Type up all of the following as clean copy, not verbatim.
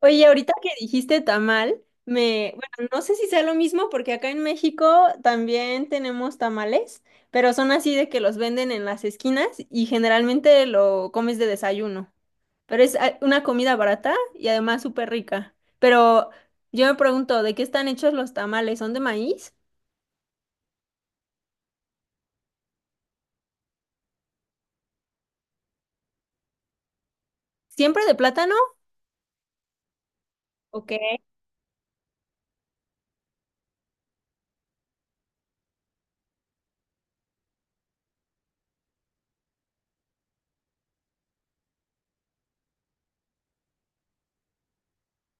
Oye, ahorita que dijiste tamal, bueno, no sé si sea lo mismo porque acá en México también tenemos tamales, pero son así de que los venden en las esquinas y generalmente lo comes de desayuno. Pero es una comida barata y además súper rica. Pero yo me pregunto, ¿de qué están hechos los tamales? ¿Son de maíz? ¿Siempre de plátano? Ok.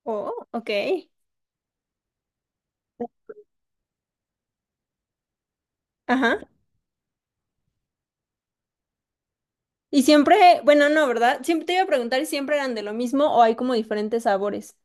Oh, ok. Ajá. Y siempre, bueno, no, ¿verdad? Siempre te iba a preguntar si siempre eran de lo mismo o hay como diferentes sabores.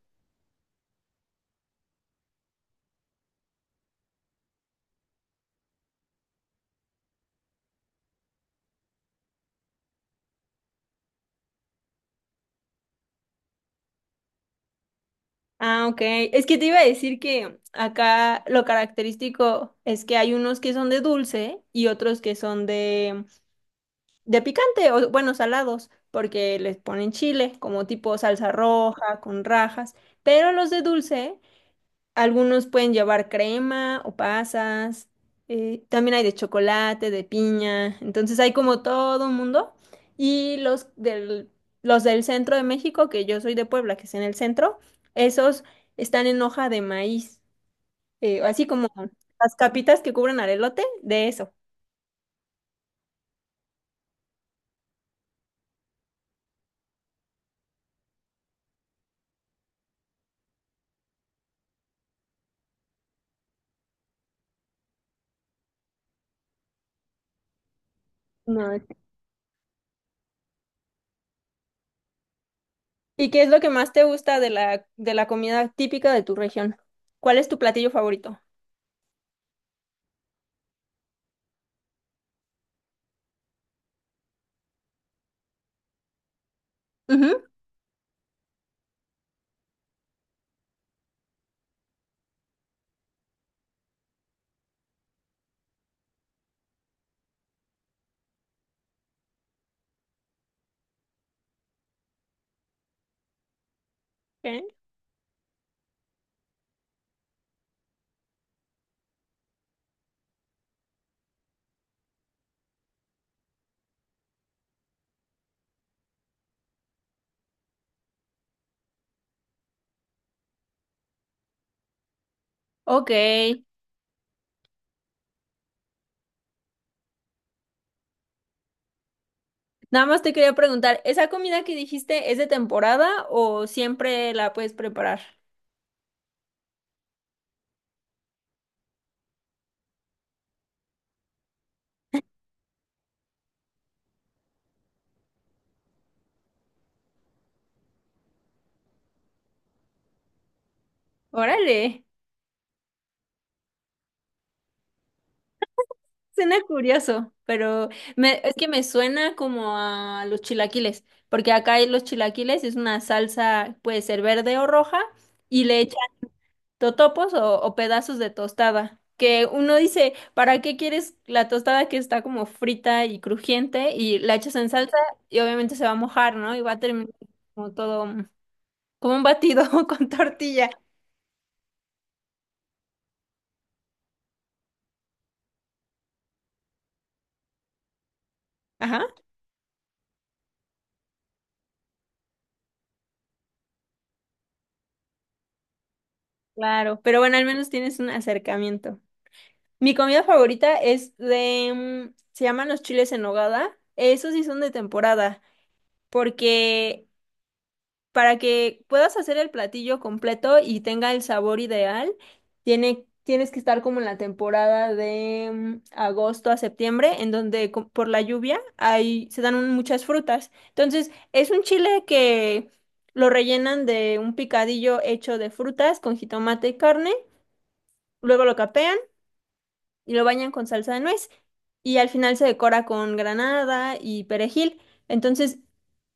Ah, ok. Es que te iba a decir que acá lo característico es que hay unos que son de dulce y otros que son de picante, o bueno, salados, porque les ponen chile, como tipo salsa roja, con rajas. Pero los de dulce algunos pueden llevar crema o pasas. También hay de chocolate, de piña. Entonces hay como todo un mundo. Y los del centro de México, que yo soy de Puebla, que es en el centro, esos están en hoja de maíz. Así como las capitas que cubren al elote, de eso. No, ¿y qué es lo que más te gusta de la comida típica de tu región? ¿Cuál es tu platillo favorito? Ujú. Ok. Ok. Nada más te quería preguntar, ¿esa comida que dijiste es de temporada o siempre la puedes preparar? Órale, suena curioso, pero es que me suena como a los chilaquiles, porque acá hay los chilaquiles, es una salsa, puede ser verde o roja, y le echan totopos o pedazos de tostada, que uno dice, ¿para qué quieres la tostada que está como frita y crujiente y la echas en salsa y obviamente se va a mojar, ¿no? Y va a terminar como todo como un batido con tortilla. Ajá. Claro, pero bueno, al menos tienes un acercamiento. Mi comida favorita es se llaman los chiles en nogada. Esos sí son de temporada, porque para que puedas hacer el platillo completo y tenga el sabor ideal, tienes que estar como en la temporada de agosto a septiembre, en donde por la lluvia hay, se dan muchas frutas. Entonces, es un chile que lo rellenan de un picadillo hecho de frutas con jitomate y carne, luego lo capean y lo bañan con salsa de nuez y al final se decora con granada y perejil. Entonces,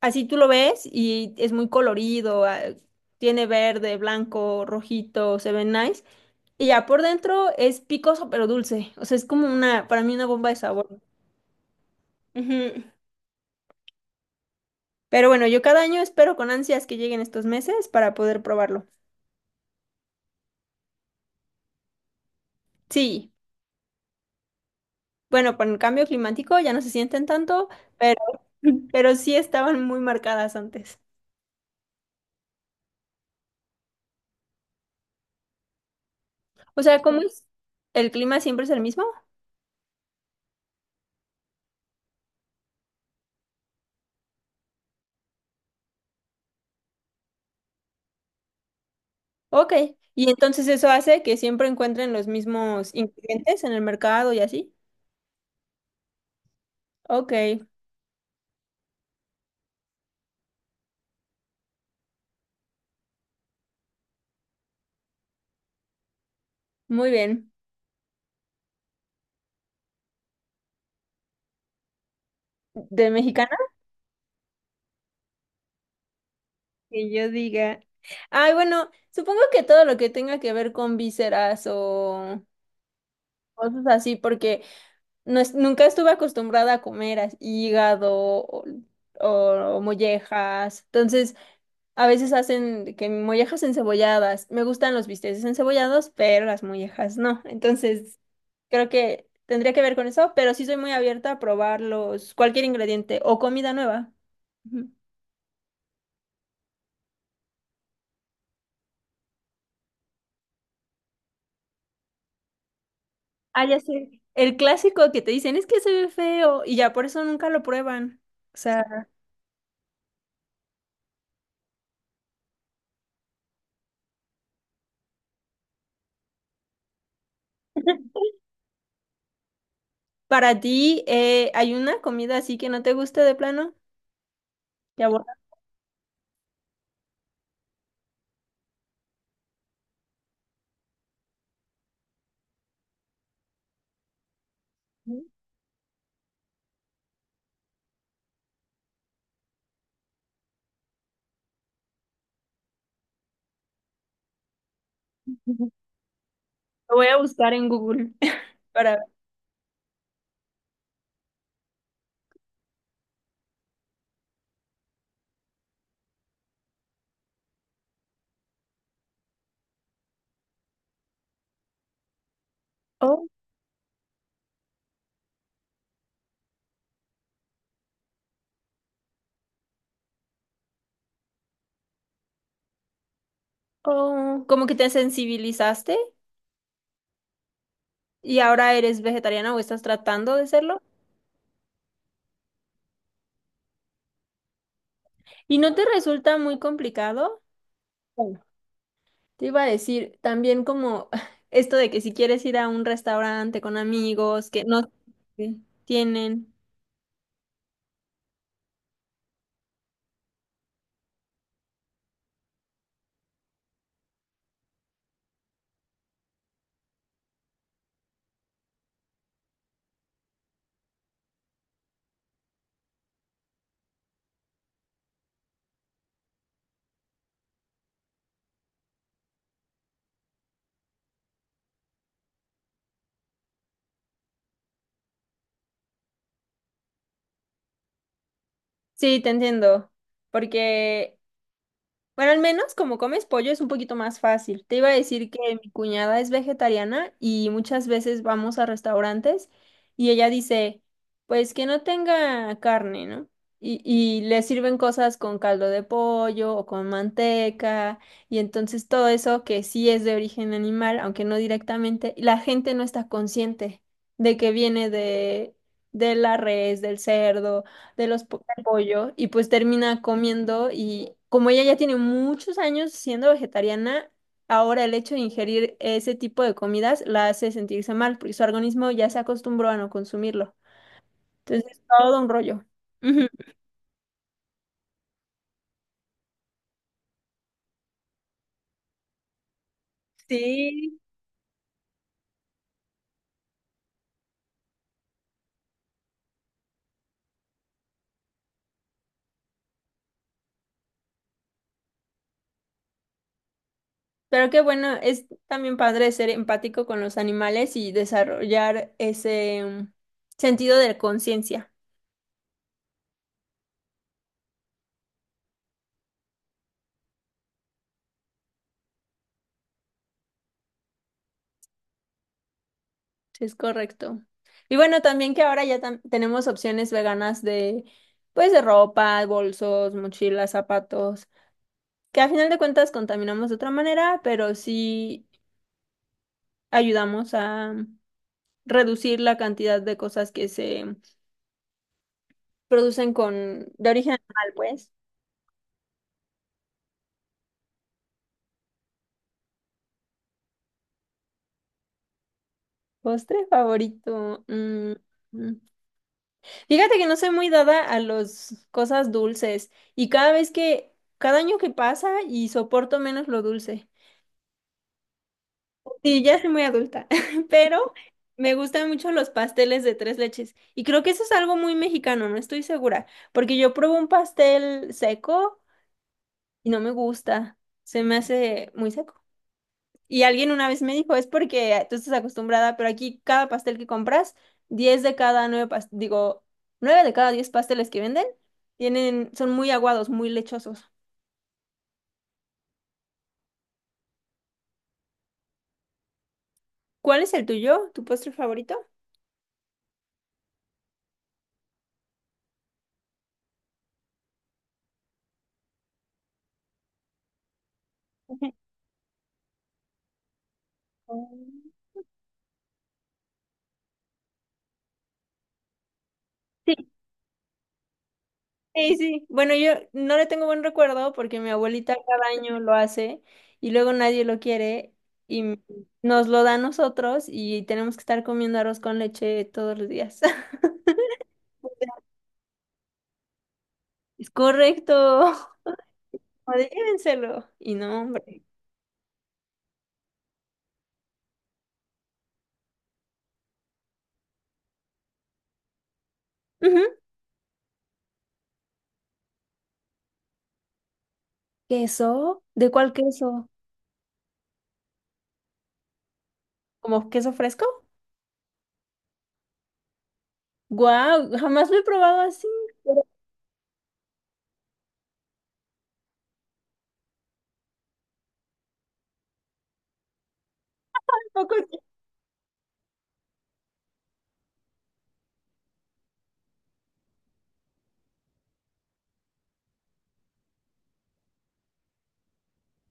así tú lo ves y es muy colorido, tiene verde, blanco, rojito, se ve nice. Y ya por dentro es picoso pero dulce, o sea, es como para mí una bomba de sabor. Ujú. Pero bueno, yo cada año espero con ansias que lleguen estos meses para poder probarlo. Sí, bueno, con el cambio climático ya no se sienten tanto, pero, pero sí estaban muy marcadas antes. O sea, ¿cómo es? ¿El clima siempre es el mismo? Ok. Y entonces eso hace que siempre encuentren los mismos ingredientes en el mercado y así. Ok, muy bien. ¿De mexicana? Que yo diga. Ay, bueno, supongo que todo lo que tenga que ver con vísceras o cosas así, porque nunca estuve acostumbrada a comer hígado o, o mollejas. Entonces, a veces hacen de que mollejas encebolladas. Me gustan los bisteces encebollados, pero las mollejas no. Entonces, creo que tendría que ver con eso, pero sí soy muy abierta a probar cualquier ingrediente o comida nueva. Ujú. Ah, ya sé. El clásico que te dicen es que se ve feo y ya por eso nunca lo prueban. O sea, para ti, ¿hay una comida así que no te guste de plano? Ya voy a, lo voy a buscar en Google para ver. Oh, oh. Como que te sensibilizaste. ¿Y ahora eres vegetariana o estás tratando de serlo? ¿Y no te resulta muy complicado? Bueno, te iba a decir también como esto de que si quieres ir a un restaurante con amigos que no tienen. Sí, te entiendo, porque bueno, al menos como comes pollo es un poquito más fácil. Te iba a decir que mi cuñada es vegetariana y muchas veces vamos a restaurantes y ella dice, pues que no tenga carne, ¿no? Y le sirven cosas con caldo de pollo o con manteca y entonces todo eso que sí es de origen animal, aunque no directamente, y la gente no está consciente de que viene de la res, del cerdo del pollo y pues termina comiendo y como ella ya tiene muchos años siendo vegetariana, ahora el hecho de ingerir ese tipo de comidas la hace sentirse mal porque su organismo ya se acostumbró a no consumirlo. Entonces es todo un rollo. Ujú, sí, pero qué bueno, es también padre ser empático con los animales y desarrollar ese sentido de conciencia. Sí, es correcto. Y bueno, también que ahora ya tenemos opciones veganas pues, de ropa, bolsos, mochilas, zapatos, que a final de cuentas contaminamos de otra manera, pero sí ayudamos a reducir la cantidad de cosas que se producen de origen animal, pues. Postre favorito. Mm, mm. Fíjate que no soy muy dada a las cosas dulces y cada año que pasa y soporto menos lo dulce. Sí, ya soy muy adulta, pero me gustan mucho los pasteles de tres leches. Y creo que eso es algo muy mexicano, no estoy segura, porque yo pruebo un pastel seco y no me gusta, se me hace muy seco. Y alguien una vez me dijo, es porque tú estás acostumbrada, pero aquí cada pastel que compras, 10 de cada 9, digo, 9 de cada 10 pasteles que venden, tienen, son muy aguados, muy lechosos. ¿Cuál es el tuyo? ¿Tu postre favorito? Ujú. Sí, sí, sí. Bueno, yo no le tengo buen recuerdo porque mi abuelita cada año lo hace y luego nadie lo quiere y nos lo da a nosotros y tenemos que estar comiendo arroz con leche todos los días. Es correcto. O de, llévenselo. Y no, hombre. Ujú. ¿Queso? ¿De cuál queso? ¿Como queso fresco? Guau, jamás lo he probado así. Pero es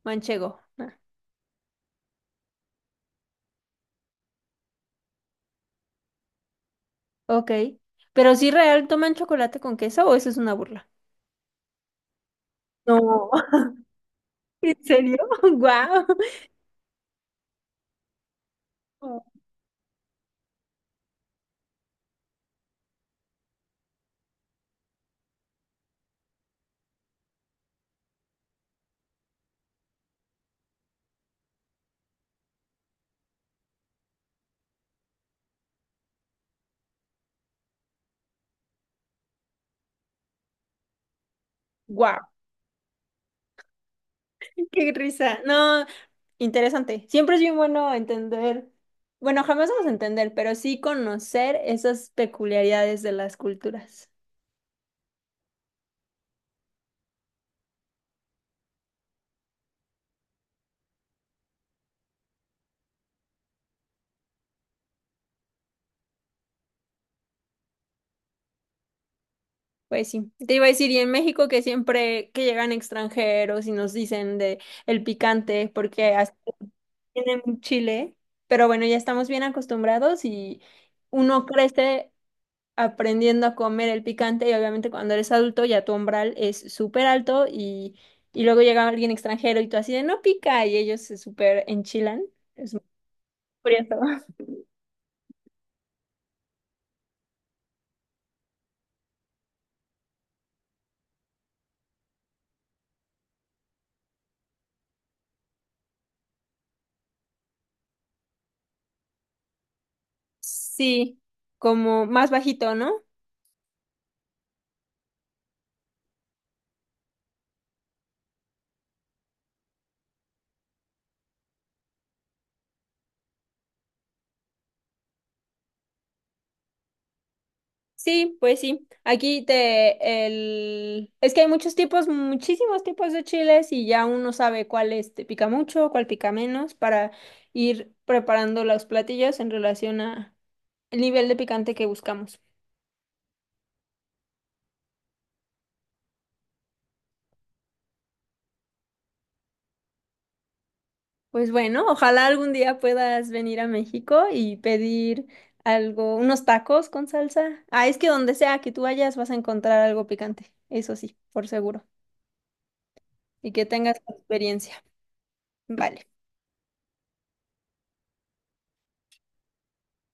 Manchego. Ah, ok. Pero sí real, ¿toman chocolate con queso o eso es una burla? No. ¿En serio? ¡Guau! ¡Guau! ¡Qué risa! No, interesante. Siempre es bien bueno entender, bueno, jamás vamos a entender, pero sí conocer esas peculiaridades de las culturas. Pues sí, te iba a decir, y en México que siempre que llegan extranjeros y nos dicen de el picante, porque hasta tienen chile, pero bueno, ya estamos bien acostumbrados y uno crece aprendiendo a comer el picante y obviamente cuando eres adulto ya tu umbral es súper alto y luego llega alguien extranjero y tú así de no pica y ellos se súper enchilan. Es muy curioso. Sí, como más bajito, ¿no? Sí, pues sí. Aquí te el es que hay muchos tipos, muchísimos tipos de chiles y ya uno sabe cuál este pica mucho, cuál pica menos para ir preparando los platillos en relación a el nivel de picante que buscamos. Pues bueno, ojalá algún día puedas venir a México y pedir algo, unos tacos con salsa. Ah, es que donde sea que tú vayas vas a encontrar algo picante, eso sí, por seguro. Y que tengas experiencia. Vale.